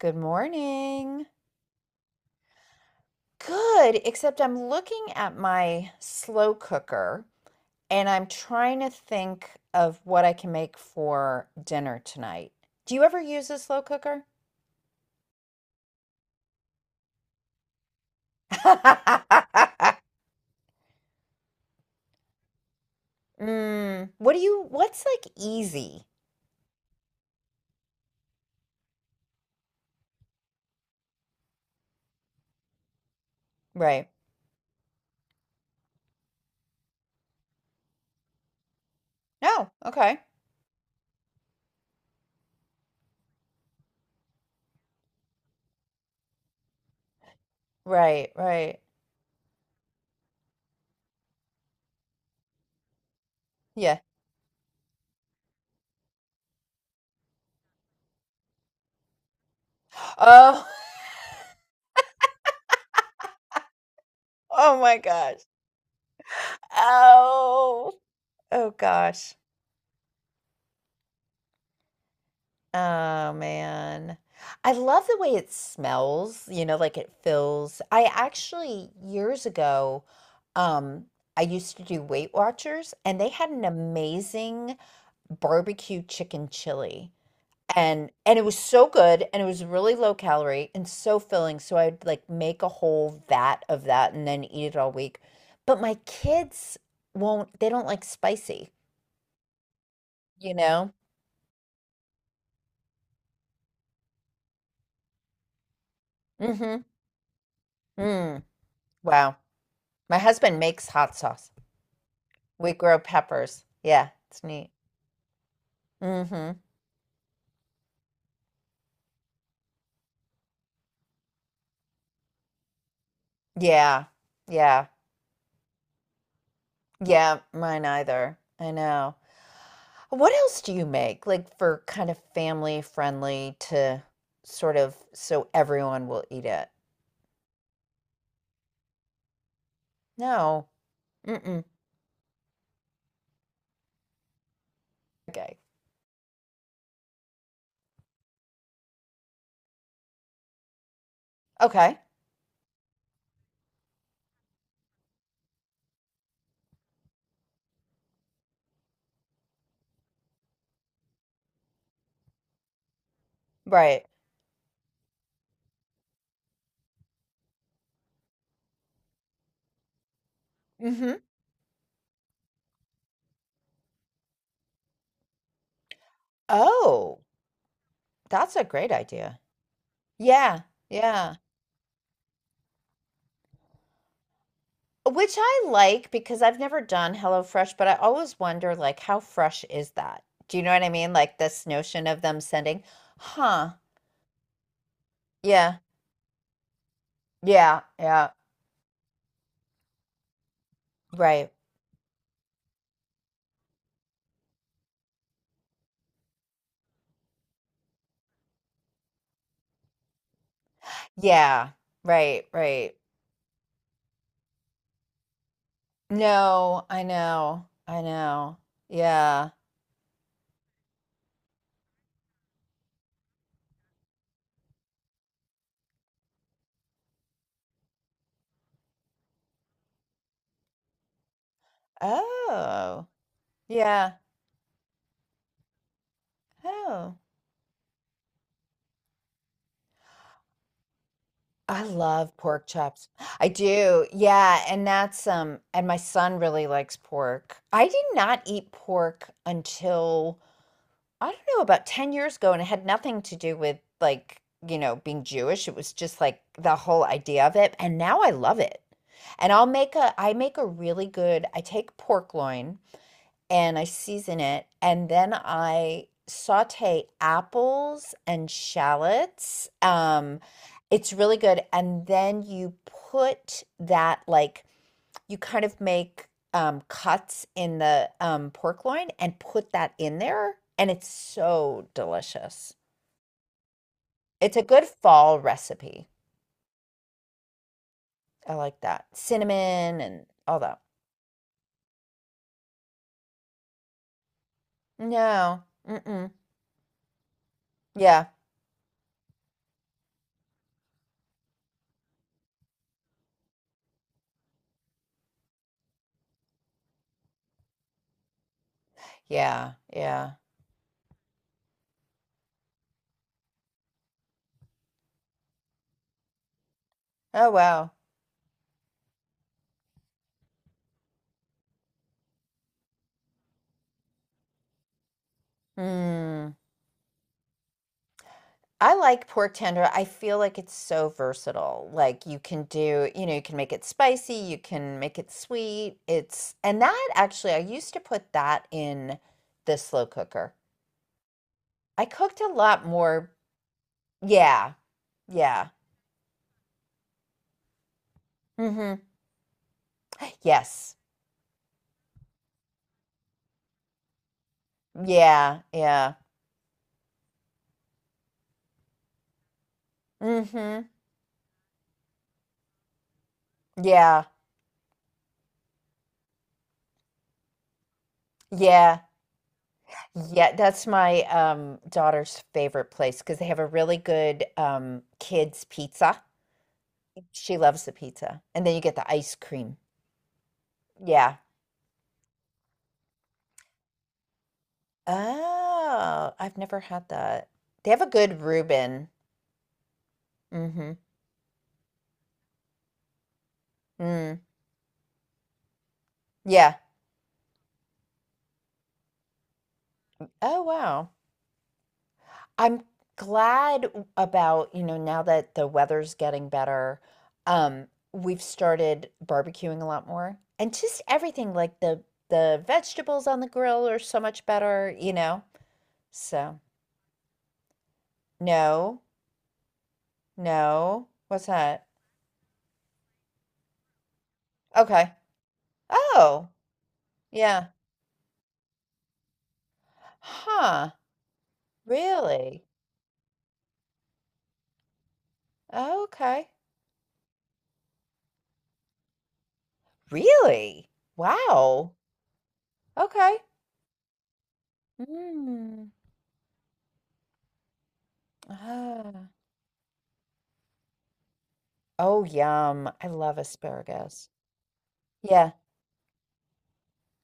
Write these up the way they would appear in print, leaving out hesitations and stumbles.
Good morning. Good, except I'm looking at my slow cooker and I'm trying to think of what I can make for dinner tonight. Do you ever use a slow cooker? What's like easy? Right. Oh, okay. Right, right. Yeah. Oh, oh my gosh. Oh, oh gosh. Oh man. I love the way it smells, you know, like it fills. I actually years ago, um, I used to do Weight Watchers and they had an amazing barbecue chicken chili. And it was so good and it was really low calorie and so filling. So I'd like make a whole vat of that and then eat it all week. But my kids won't, they don't like spicy, you know? Mm-hmm. Mm. Wow. My husband makes hot sauce. We grow peppers. Yeah, it's neat. Hmm. Yeah, yeah, yeah, mine either. I know. What else do you make, like for kind of family friendly to sort of so everyone will eat it? No. Mm-mm. Okay. Okay. Right. Hmm. Oh, that's a great idea. Yeah, yeah. Which I like because I've never done HelloFresh, but I always wonder, like, how fresh is that? Do you know what I mean? Like this notion of them sending, huh? Yeah, yeah, yeah, right. Yeah, right, right. No, I know, I know. Yeah. Oh, yeah. Oh. I love pork chops. I do. Yeah, and that's and my son really likes pork. I did not eat pork until I don't know, about 10 years ago, and it had nothing to do with like, you know, being Jewish. It was just like the whole idea of it. And now I love it. And I make a really good, I take pork loin and I season it, and then I saute apples and shallots. It's really good. And then you put that like you kind of make cuts in the pork loin and put that in there, and it's so delicious. It's a good fall recipe. I like that. Cinnamon and all that. No. Mm-mm. Yeah. Yeah. Yeah. Oh, wow. Mm. I like pork tender. I feel like it's so versatile. Like you can do, you know, you can make it spicy, you can make it sweet. And that actually, I used to put that in the slow cooker. I cooked a lot more. Yeah. Yeah. Mm-hmm. Yes. Yeah. Yeah. Mm-hmm. Yeah. Yeah. Yeah. That's my daughter's favorite place because they have a really good kids pizza. She loves the pizza. And then you get the ice cream. Yeah. Oh, I've never had that. They have a good Reuben. Mm-hmm. Mm. Yeah. Oh, wow. I'm glad about, you know, now that the weather's getting better, um, we've started barbecuing a lot more. And just everything, like the vegetables on the grill are so much better, you know? So, no, no. What's that? Okay. Oh, yeah. Huh. Really? Okay. Really? Wow. Okay. Mm. Ah. Oh, yum. I love asparagus. Yeah.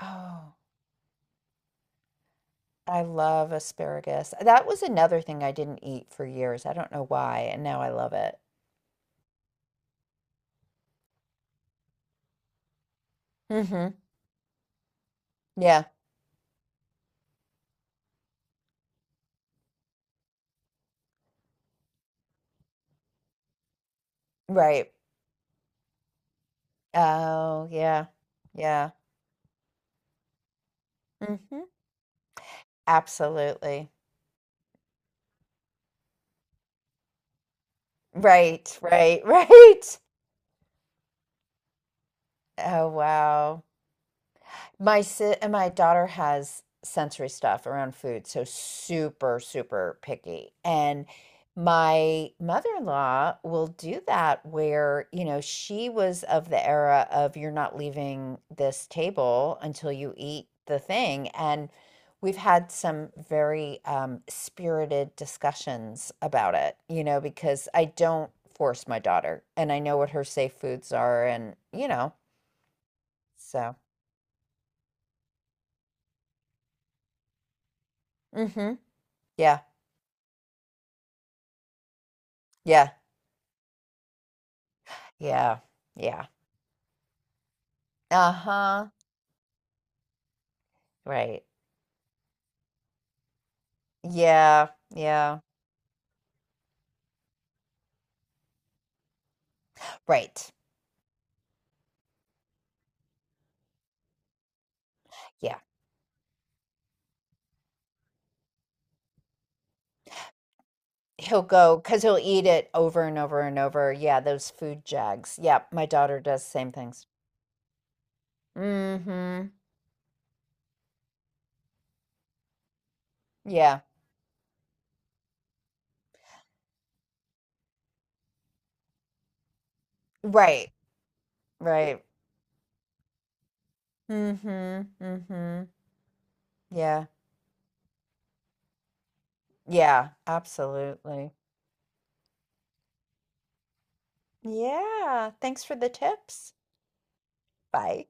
Oh, I love asparagus. That was another thing I didn't eat for years. I don't know why, and now I love it. Mhm. Yeah. Right. Oh, yeah. Yeah. Mhm. Absolutely. Right, right, right. Oh, wow. And my daughter has sensory stuff around food, so super, super picky. And my mother-in-law will do that where, you know, she was of the era of you're not leaving this table until you eat the thing. And we've had some very spirited discussions about it, you know, because I don't force my daughter and I know what her safe foods are and, you know, so. Mm hmm Yeah. Yeah. Yeah. Yeah. Uh-huh. Right. Yeah. Yeah. Right. Yeah. He'll go because he'll eat it over and over and over. Yeah, those food jags. Yeah, my daughter does same things. Mm-hmm. Yeah. Right. Right. Mm-hmm. Mm-hmm. Yeah. Yeah. Absolutely. Yeah. Thanks for the tips. Bye.